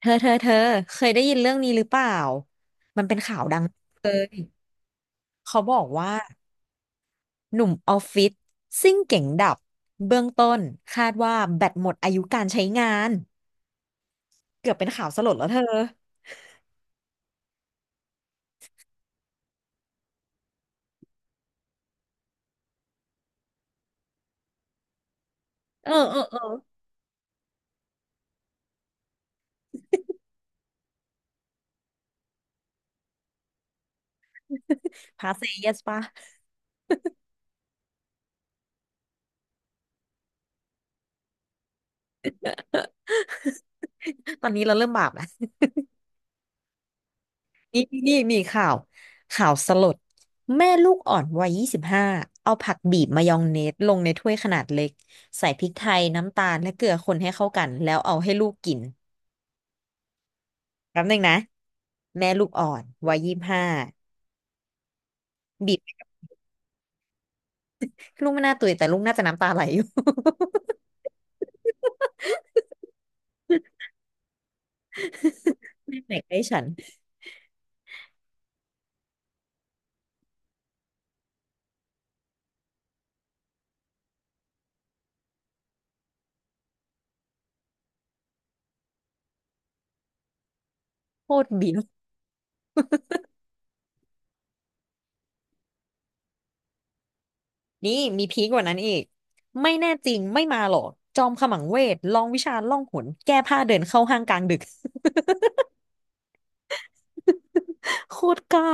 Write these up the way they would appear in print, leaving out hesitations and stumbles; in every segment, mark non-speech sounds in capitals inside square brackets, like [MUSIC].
เธอ เธอ เธอ เคยได้ยินเรื่องนี้หรือเปล่า มันเป็นข่าวดังเลยเขาบอกว่าหนุ่มออฟฟิศซิ่งเก๋งดับเบื้องต้นคาดว่าแบตหมดอายุการใช้งานเกือบเป็นข่าวสลดแล้วเธอ เออเออเออพาเซเยสปะ [LAUGHS] ตอนนี้เราเริ่มบาปนะนี่นี่มีข่าวข่าวสลดแม่ลูกอ่อนวัย 25 เอาผักบีบมายองเนสลงในถ้วยขนาดเล็กใส่พริกไทยน้ำตาลและเกลือคนให้เข้ากันแล้วเอาให้ลูกกิน แป๊บนึงนะแม่ลูกอ่อนวัยยี่สิบห้าบีบลูกไม่น่าตื่นแต่ลูกน่าจะน้ำตาไหลอยู่ [LAUGHS] แม่แหกให้ฉันโคตรบีบนี่มีพีคกว่านั้นอีกไม่แน่จริงไม่มาหรอกจอมขมังเวทลองวิชาล่องหนแก้ผ้าเดินเข้าห้างกลางดึก [LAUGHS] โคตรกล้า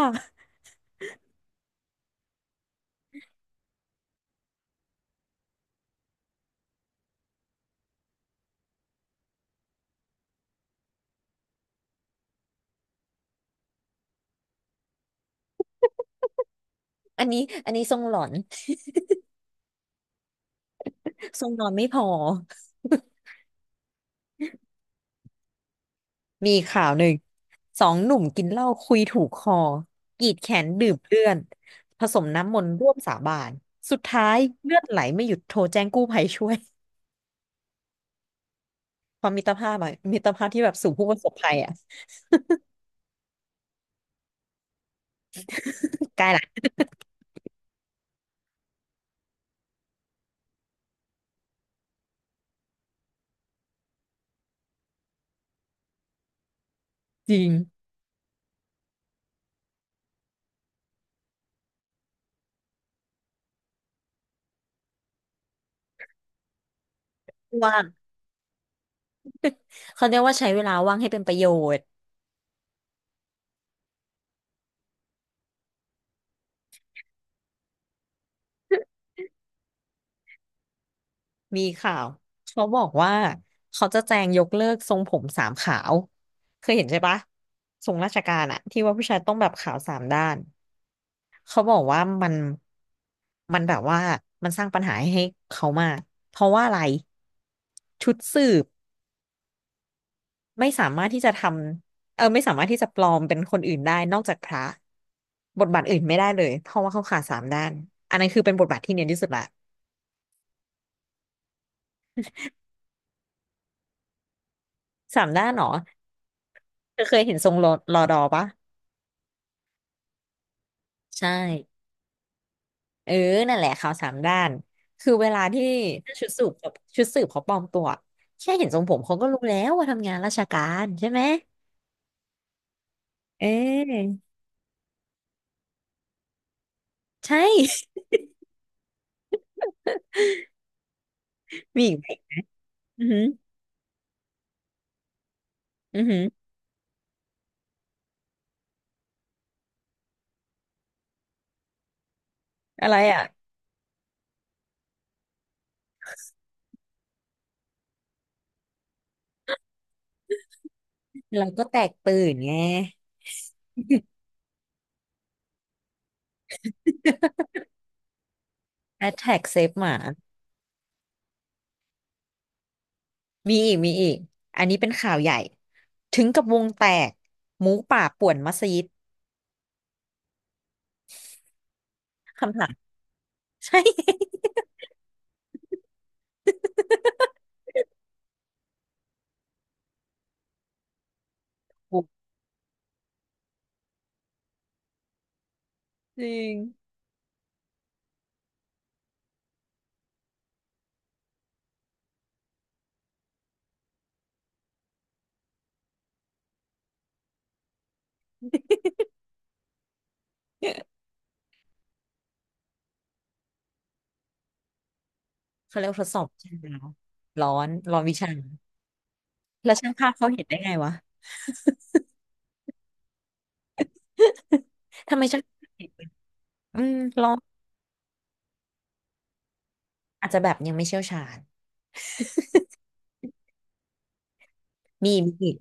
อันนี้อันนี้ทรงหลอนทรงนอนไม่พอ มีข่าวหนึ่งสองหนุ่มกินเหล้าคุยถูกคอกรีดแขนดื่มเลือดผสมน้ำมนต์ร่วมสาบานสุดท้ายเลือดไหลไม่หยุดโทรแจ้งกู้ภัยช่วยความมิตรภาพอะมิตรภาพที่แบบสู่ผู้ประสบภัยอะใกล้ละจริงว่างเขาเรียกว่าใช้เวลาว่างให้เป็นประโยชน์มีข่าวเขาบอกว่าเขาจะแจงยกเลิกทรงผมสามขาวเคยเห็นใช่ปะทรงราชการอะที่ว่าผู้ชายต้องแบบขาวสามด้าน เขาบอกว่ามันมันแบบว่ามันสร้างปัญหาให้เขามากเพราะว่าอะไรชุดสืบไม่สามารถที่จะทำไม่สามารถที่จะปลอมเป็นคนอื่นได้นอกจากพระบทบาทอื่นไม่ได้เลยเพราะว่าเขาขาดสามด้านอันนั้นคือเป็นบทบาทที่เนียนที่สุดละสามด้านเหรอเธอเคยเห็นทรงรอรอดอปะใช่เออนั่นแหละเขาวสามด้านคือเวลาที่ถ้าชุดสืบชุดสืบเขาปลอมตัวแค่เห็นทรงผมเขาก็รู้แล้วว่าทำงานราชการใช่ไหมเออ ใช่ [LAUGHS] มีอีกไหมอือหืออือหืออะไรอ่ะ เราก็แตกตื่นไง Attack Save หมามีอีกมีอีก อันนี้เป็นข่าวใหญ่ ถึงกับวงแตก หมูป่าป่วนมัสยิดคำถาม [LAUGHS] ใช่ [LAUGHS] จริงเขาเรียกว่าทดสอบวิชาร้อน ร้อนวิชาแล้วช่างภาพเขาเห็นได้ไงวะ ทำไมช่างภาพเห็นอืมร้อนอาจจะแบบยังไม่เชี่ยวชาญมีอีก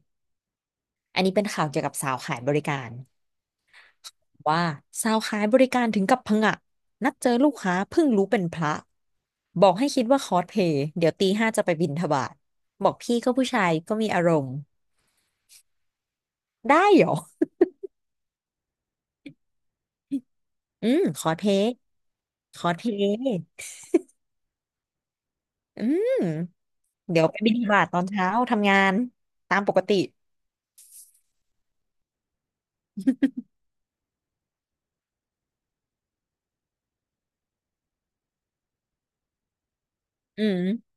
อันนี้เป็นข่าวเกี่ยวกับสาวขายบริการ ว่าสาวขายบริการถึงกับผงะนัดเจอลูกค้าเพิ่งรู้เป็นพระบอกให้คิดว่าคอสเพลย์เดี๋ยวตีห้าจะไปบิณฑบาตบอกพี่ก็ผู้ชายก็มีอารมณ์ได้เหรออืมคอสเพลย์คอสเพลย์อืมเดี๋ยวไปบิณฑบาตตอนเช้าทำงานตามปกติอืม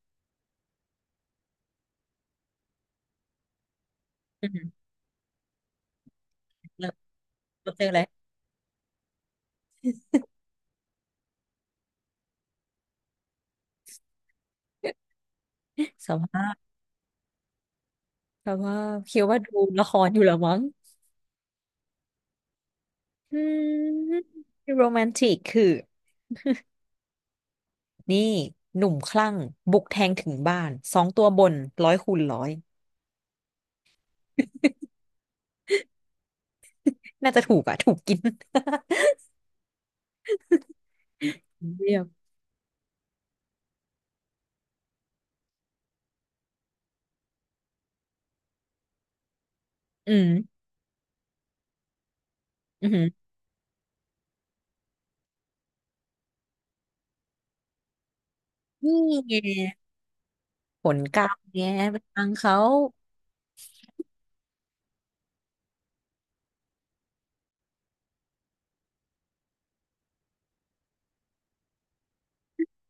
อืมเราเราเจอเลย [LAUGHS] สภาพสภาพคิดว่าดูละครอยู่เหรอมั้งอืมโรแมนติกคือ นี่หนุ่มคลั่งบุกแทงถึงบ้านสองตัวบนร้อยคูณร้อยน่าจะถูกอะถูกกิน [LAUGHS] เรียบอืมอืมนี่ไงผลกรรมไงไปฟังเขา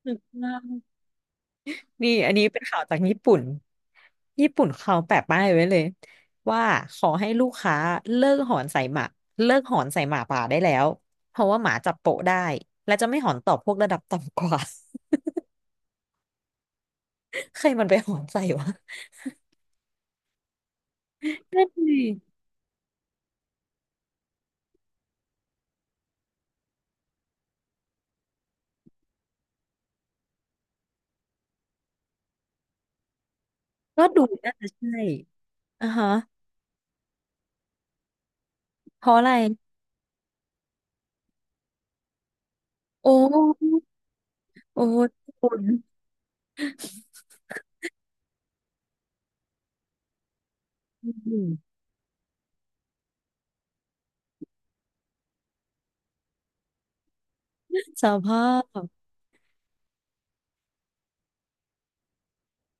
สุดมานี่อันนี้เป็นข่าวจากญี่ปุ่นญี่ปุ่นเขาแปะป้ายไว้เลยว่าขอให้ลูกค้าเลิกหอนใส่หมาเลิกหอนใส่หมาป่าได้แล้วเพราะว่าหมาจับโปะได้และจะไม่หอนตอบพวกระดับต่ำกว่า [LAUGHS] ใครมันไปหอนใส่วะนั่นดิก็ดูน่าจะใช่ อ่าฮะเพราะอะไรโอ้โอ้ยคุณอืมสภาพ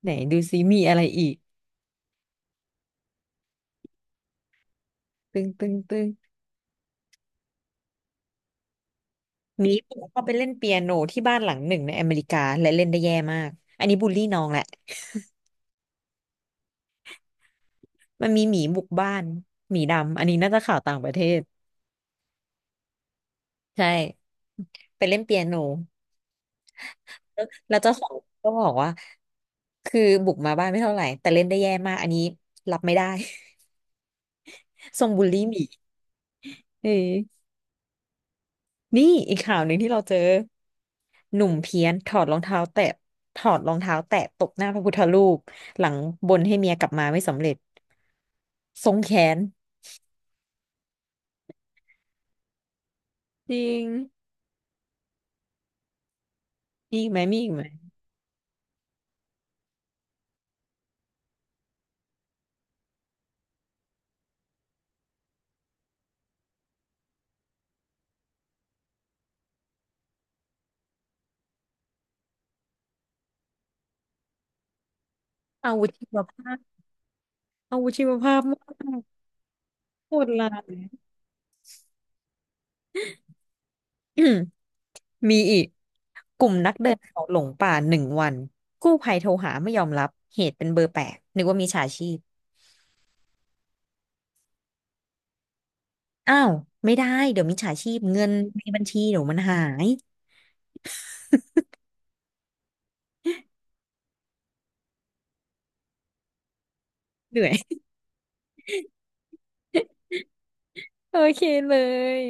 ไหนดูซิมีอะไรอีกตึงตึงตึงนี้ผมก็ไปเล่นเปียโนที่บ้านหลังหนึ่งในอเมริกาและเล่นได้แย่มากอันนี้บูลลี่น้องแหละมันมีหมีบุกบ้านหมีดำอันนี้น่าจะข่าวต่างประเทศใช่ไปเล่นเปียโนแล้วเจ้าของก็บอกว่าคือบุกมาบ้านไม่เท่าไหร่แต่เล่นได้แย่มากอันนี้รับไม่ได้ [LAUGHS] ทรงบูลลี่หมีเออ นี่อีกข่าวหนึ่งที่เราเจอหนุ่มเพี้ยนถอดรองเท้าแตะถอดรองเท้าแตะตบหน้าพระพุทธรูปหลังบนให้เมียกลับมาไม่สำเร็จทรงแขนจริงมีอีกไหมมีอีกไหมอาวุธชีวภาพอาวุธชีวภาพมากโคตรลายอืมมีอีกกลุ่มนักเดินเขาหลงป่าหนึ่งวันกู้ภัยโทรหาไม่ยอมรับเหตุเป็นเบอร์แปลกนึกว่ามีฉาชีพอ้าวไม่ได้เดี๋ยวมิจฉาชีพเงินในบัญชีเดี๋ยวมันหายเหนื่อย โอเคเลย